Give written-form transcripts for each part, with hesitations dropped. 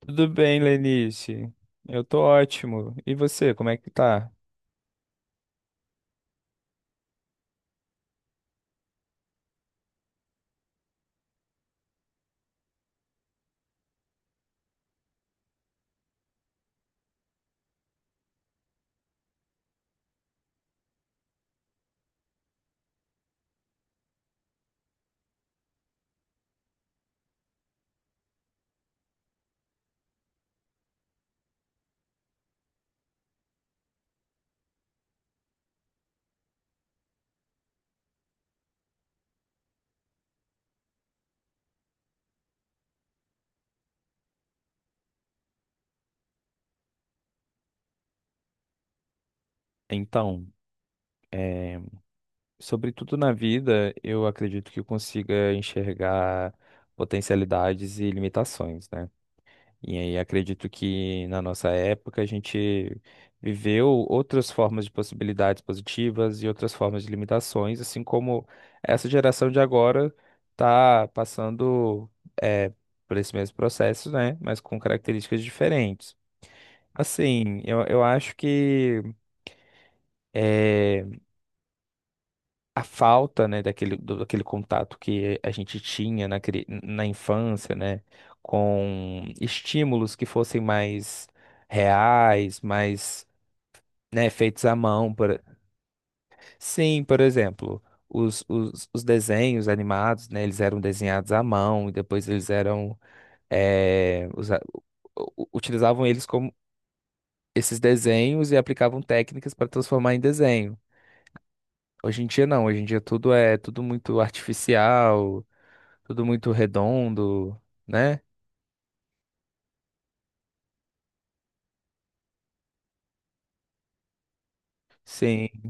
Tudo bem, Lenice? Eu tô ótimo. E você, como é que tá? Então, é, sobretudo na vida, eu acredito que eu consiga enxergar potencialidades e limitações, né? E aí acredito que na nossa época a gente viveu outras formas de possibilidades positivas e outras formas de limitações, assim como essa geração de agora está passando eh, por esse mesmo processo, né? Mas com características diferentes. Assim, eu acho que é, a falta, né, daquele contato que a gente tinha na, na infância, né, com estímulos que fossem mais reais, mais, né, feitos à mão. Por... Sim, por exemplo, os desenhos animados, né, eles eram desenhados à mão e depois eles eram, eh, usa- utilizavam eles como esses desenhos e aplicavam técnicas para transformar em desenho. Hoje em dia não, hoje em dia tudo é tudo muito artificial, tudo muito redondo, né? Sim.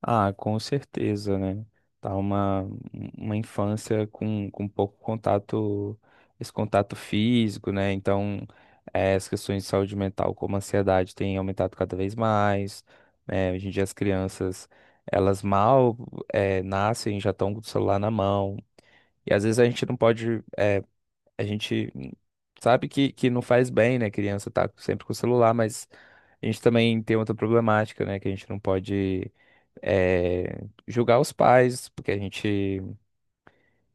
Ah, com certeza, né? Tá uma infância com pouco contato, esse contato físico, né? Então, as questões de saúde mental, como a ansiedade, tem aumentado cada vez mais, né? Hoje em dia as crianças, elas mal, nascem, já estão com o celular na mão. E às vezes a gente não pode. A gente sabe que não faz bem, né? Criança tá sempre com o celular, mas a gente também tem outra problemática, né? Que a gente não pode eh, julgar os pais, porque a gente,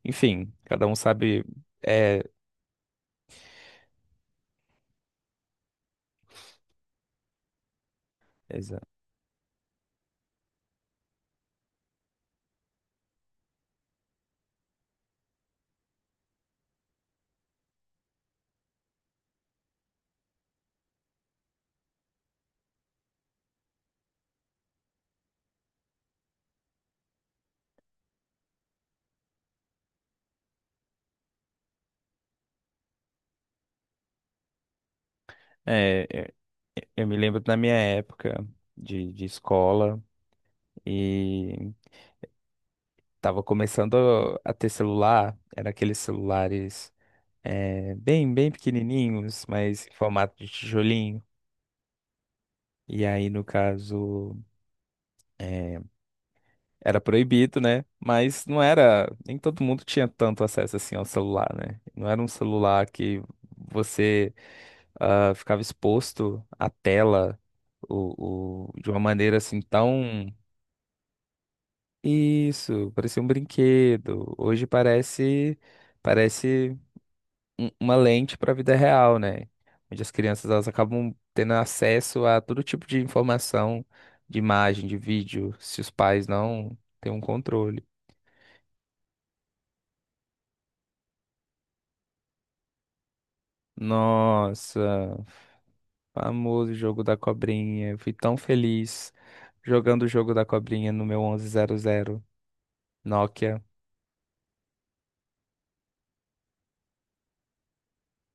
enfim, cada um sabe. É, exa- é, é, eu me lembro da minha época de escola e tava começando a ter celular, era aqueles celulares bem, bem pequenininhos, mas em formato de tijolinho. E aí, no caso. é, era proibido, né? Mas não era, nem todo mundo tinha tanto acesso assim ao celular, né? Não era um celular que você ficava exposto à tela de uma maneira assim tão isso, parecia um brinquedo. Hoje parece parece uma lente para a vida real, né? Onde as crianças elas acabam tendo acesso a todo tipo de informação, de imagem, de vídeo, se os pais não têm um controle. Nossa, famoso jogo da cobrinha. Eu fui tão feliz jogando o jogo da cobrinha no meu 1100 Nokia.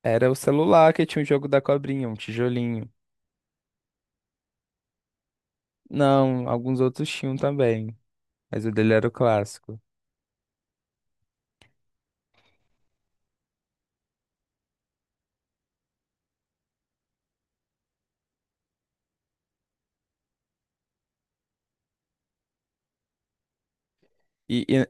Era o celular que tinha o jogo da cobrinha, um tijolinho. Não, alguns outros tinham também, mas o dele era o clássico. E, e,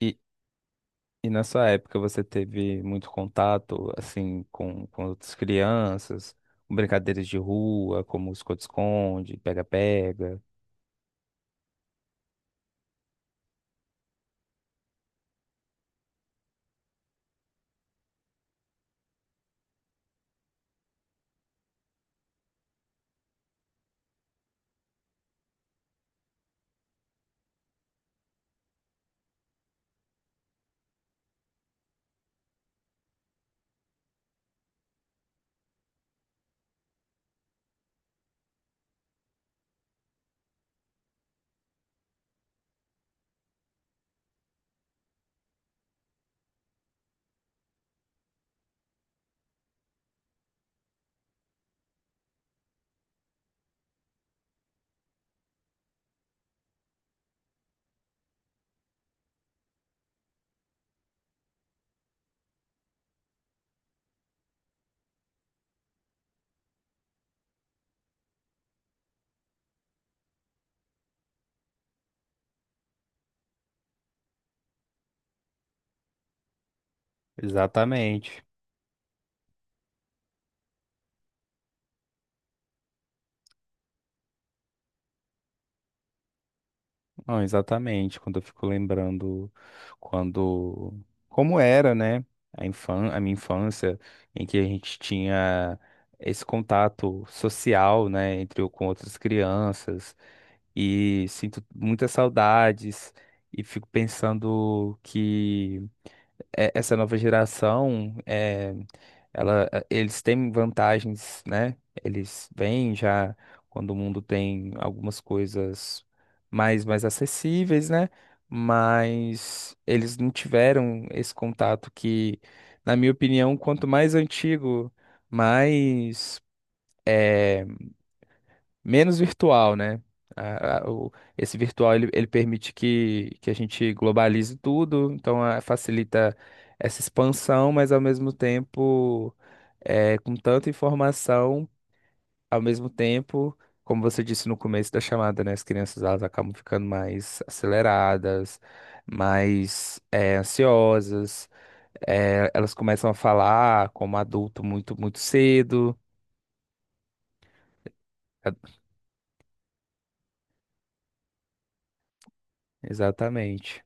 e, e na sua época você teve muito contato, assim, com outras crianças, com brincadeiras de rua, como esconde-esconde, pega-pega. Exatamente. Não, exatamente, quando eu fico lembrando quando como era, né, a infan a minha infância em que a gente tinha esse contato social, né, entre eu com outras crianças e sinto muitas saudades e fico pensando que essa nova geração, ela, eles têm vantagens, né? Eles vêm já quando o mundo tem algumas coisas mais, mais acessíveis, né? Mas eles não tiveram esse contato que, na minha opinião, quanto mais antigo, mais. é, menos virtual, né? A- a- o- esse virtual ele permite que a gente globalize tudo, então ah, facilita essa expansão, mas ao mesmo tempo, com tanta informação, ao mesmo tempo, como você disse no começo da chamada, né? As crianças elas acabam ficando mais aceleradas, mais ansiosas, elas começam a falar como adulto muito, muito cedo. Exatamente.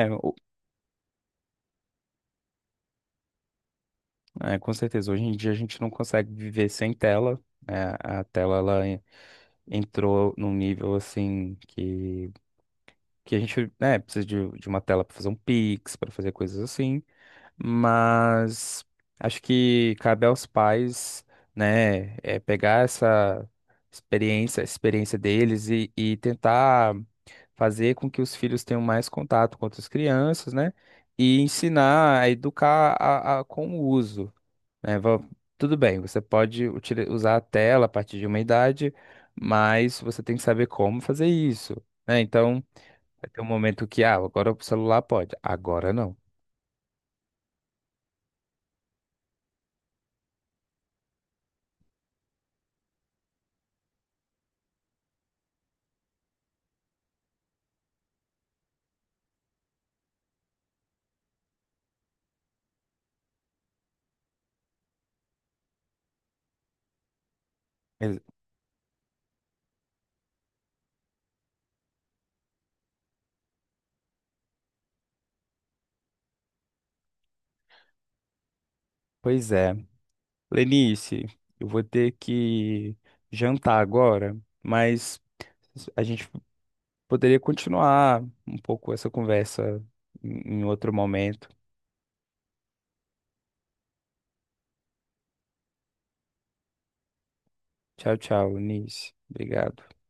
É, o, É, com certeza. Hoje em dia a gente não consegue viver sem tela. Né? A tela ela entrou num nível assim que a gente, né, precisa de uma tela para fazer um Pix, para fazer coisas assim. Mas acho que cabe aos pais, né, é, pegar essa experiência, a experiência deles e tentar fazer com que os filhos tenham mais contato com outras crianças, né? E ensinar a educar com o uso né, tudo bem, você pode usar a tela a partir de uma idade, mas você tem que saber como fazer isso, né? Então, vai ter um momento que, ah, agora o celular pode, agora não. Ex- Pois é. Lenice, eu vou ter que jantar agora, mas a gente poderia continuar um pouco essa conversa em em outro momento. Tchau, tchau, Lenice. Obrigado.